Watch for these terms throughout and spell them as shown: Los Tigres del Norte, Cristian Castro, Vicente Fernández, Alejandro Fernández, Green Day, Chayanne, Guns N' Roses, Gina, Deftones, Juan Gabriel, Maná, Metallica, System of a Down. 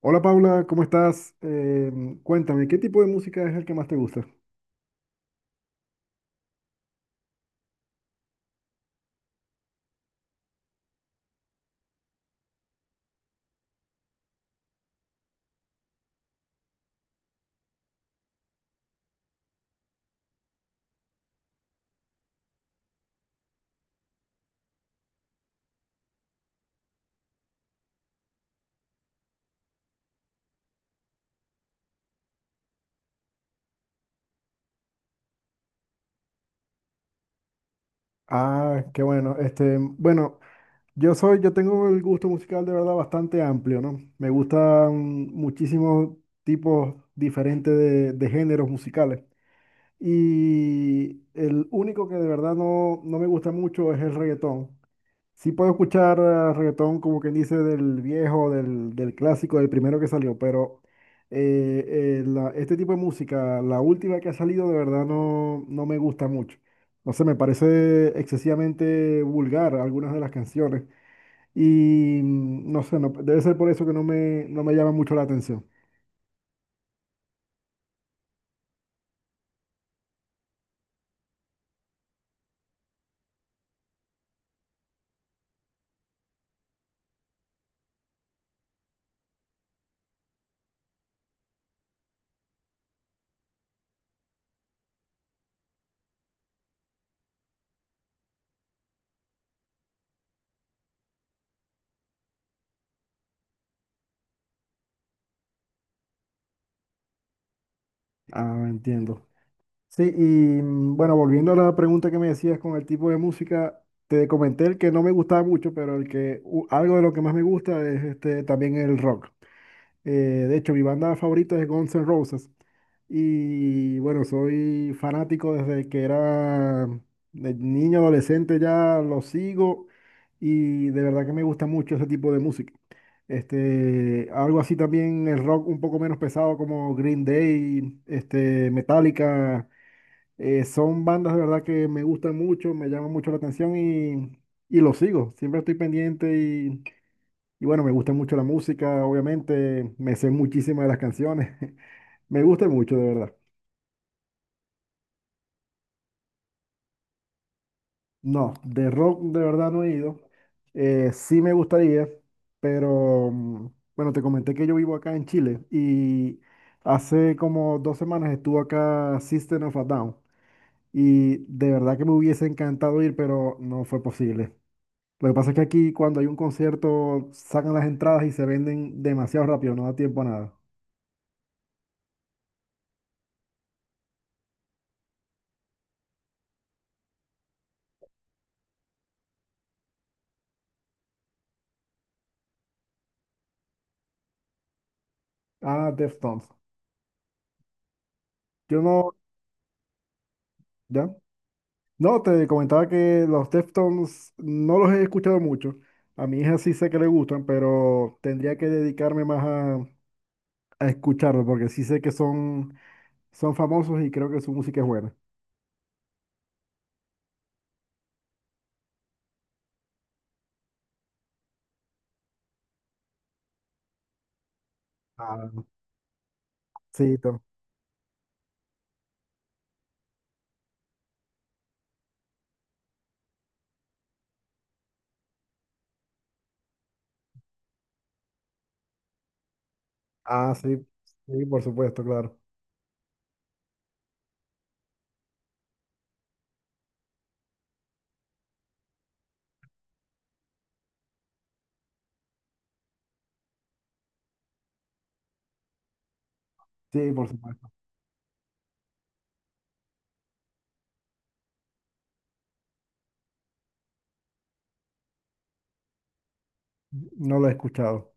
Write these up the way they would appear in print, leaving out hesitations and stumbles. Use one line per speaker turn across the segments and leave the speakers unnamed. Hola Paula, ¿cómo estás? Cuéntame, ¿qué tipo de música es el que más te gusta? Ah, qué bueno. Este, bueno, yo tengo el gusto musical de verdad bastante amplio, ¿no? Me gustan muchísimos tipos diferentes de géneros musicales. Y el único que de verdad no me gusta mucho es el reggaetón. Sí puedo escuchar reggaetón, como quien dice, del viejo, del clásico, del primero que salió, pero este tipo de música, la última que ha salido, de verdad no me gusta mucho. No sé, me parece excesivamente vulgar algunas de las canciones y no sé, debe ser por eso que no me llama mucho la atención. Ah, entiendo. Sí, y bueno, volviendo a la pregunta que me decías con el tipo de música, te comenté el que no me gustaba mucho, pero el que algo de lo que más me gusta es este, también el rock. De hecho, mi banda favorita es Guns N' Roses. Y bueno, soy fanático desde que era de niño, adolescente, ya lo sigo y de verdad que me gusta mucho ese tipo de música. Este, algo así también el rock un poco menos pesado como Green Day, este, Metallica. Son bandas de verdad que me gustan mucho, me llaman mucho la atención y lo sigo. Siempre estoy pendiente y bueno, me gusta mucho la música, obviamente, me sé muchísimas de las canciones. Me gusta mucho, de verdad. No, de rock de verdad no he ido. Sí me gustaría, pero bueno, te comenté que yo vivo acá en Chile y hace como dos semanas estuvo acá System of a Down y de verdad que me hubiese encantado ir, pero no fue posible. Lo que pasa es que aquí cuando hay un concierto sacan las entradas y se venden demasiado rápido, no da tiempo a nada. Ah, Deftones. Yo no, ya. No, te comentaba que los Deftones no los he escuchado mucho. A mi hija sí sé que le gustan, pero tendría que dedicarme más a escucharlos porque sí sé que son, son famosos y creo que su música es buena. Ah, sí, ah, sí, sí, por supuesto, claro. Sí, por supuesto. No lo he escuchado.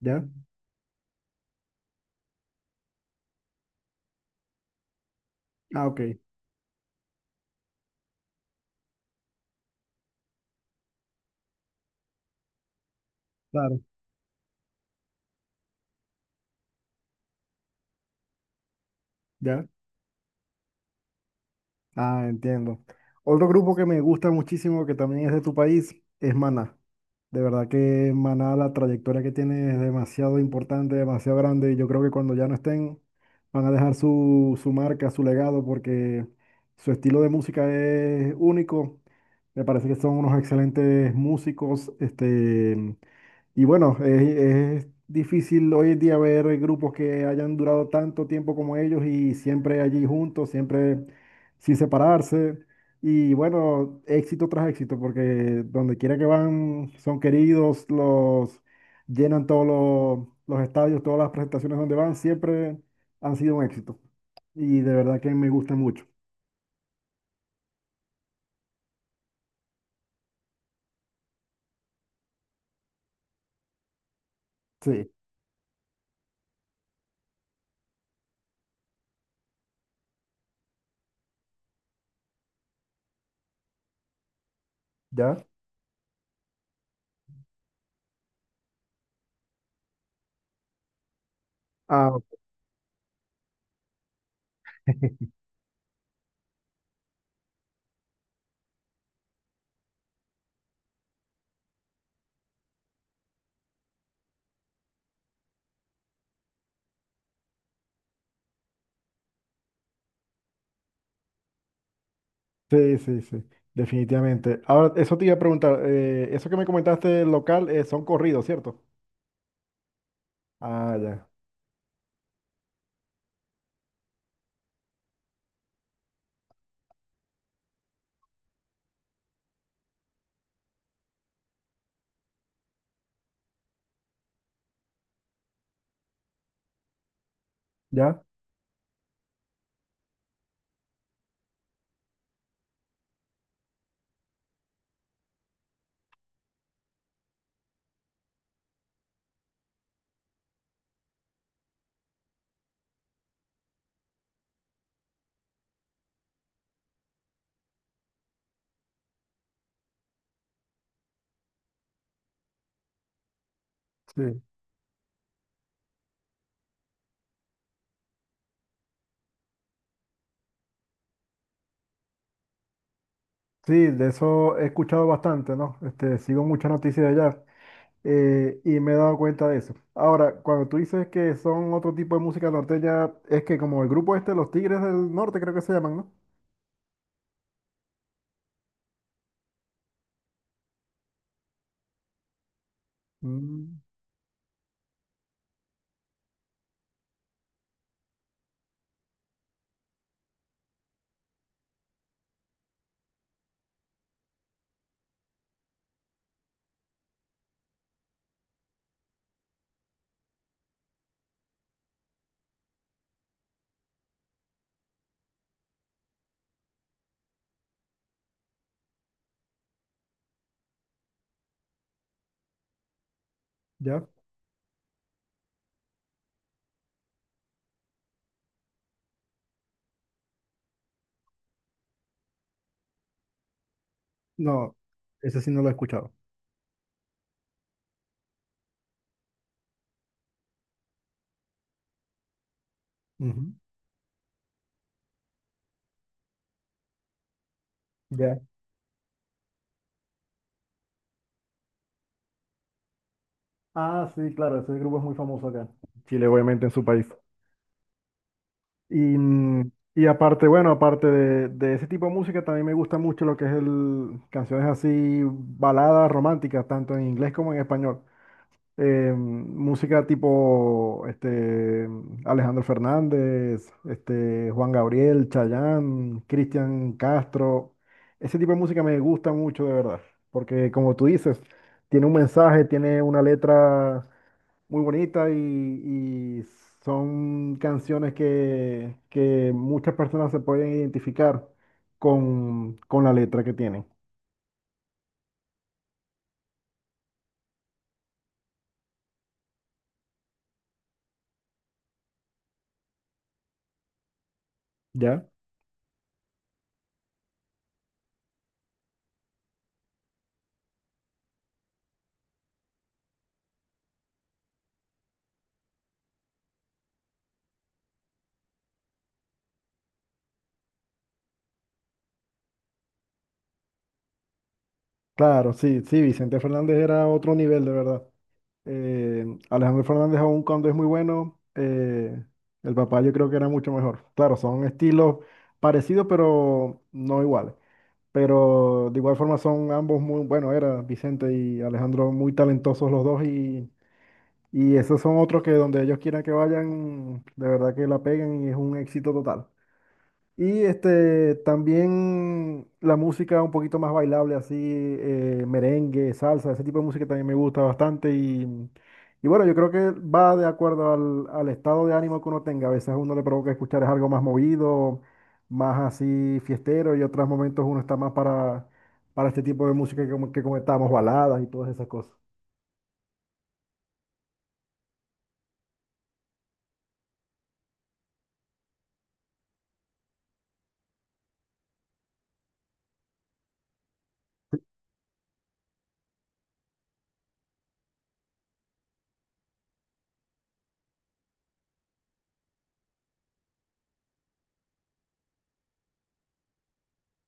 ¿Ya? Ah, ok, claro, ya. Ah, entiendo. Otro grupo que me gusta muchísimo, que también es de tu país, es Maná. De verdad que Maná, la trayectoria que tiene es demasiado importante, demasiado grande, y yo creo que cuando ya no estén, van a dejar su marca, su legado, porque su estilo de música es único. Me parece que son unos excelentes músicos, este, y bueno, es difícil hoy en día ver grupos que hayan durado tanto tiempo como ellos y siempre allí juntos, siempre sin separarse. Y bueno, éxito tras éxito, porque donde quiera que van son queridos, los llenan todos los estadios, todas las presentaciones donde van, siempre han sido un éxito. Y de verdad que me gusta mucho. Sí, ¿ya? Ah, sí, sí, sí, definitivamente. Ahora, eso te iba a preguntar, eso que me comentaste local, son corridos, ¿cierto? Ah, ya. ¿Ya? Sí. Sí, de eso he escuchado bastante, ¿no? Este, sigo muchas noticias de allá. Eh, y me he dado cuenta de eso. Ahora, cuando tú dices que son otro tipo de música norteña, es que como el grupo este, Los Tigres del Norte, creo que se llaman, ¿no? Mm, ¿ya? No, ese sí no lo he escuchado. Ujú, ya. Ah, sí, claro, ese grupo es muy famoso acá. Chile, obviamente, en su país. Y, mm, y aparte, bueno, aparte de ese tipo de música, también me gusta mucho lo que es el canciones así, baladas románticas, tanto en inglés como en español. Eh, música tipo este, Alejandro Fernández, este, Juan Gabriel, Chayanne, Cristian Castro. Ese tipo de música me gusta mucho, de verdad, porque como tú dices, tiene un mensaje, tiene una letra muy bonita y son canciones que muchas personas se pueden identificar con la letra que tienen. ¿Ya? Claro, sí, sí, Vicente Fernández era otro nivel, de verdad. Eh, Alejandro Fernández aún cuando es muy bueno, el papá yo creo que era mucho mejor. Claro, son estilos parecidos, pero no iguales. Pero de igual forma son ambos muy, bueno, era Vicente y Alejandro muy talentosos los dos y esos son otros que donde ellos quieran que vayan, de verdad que la peguen y es un éxito total. Y este, también la música un poquito más bailable, así, merengue, salsa, ese tipo de música también me gusta bastante. Y bueno, yo creo que va de acuerdo al estado de ánimo que uno tenga. A veces a uno le provoca escuchar es algo más movido, más así fiestero, y otros momentos uno está más para este tipo de música que, que comentamos, baladas y todas esas cosas.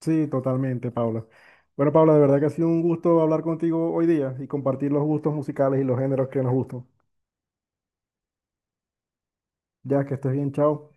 Sí, totalmente, Paula. Bueno, Paula, de verdad que ha sido un gusto hablar contigo hoy día y compartir los gustos musicales y los géneros que nos gustan. Ya, que estés bien, chao.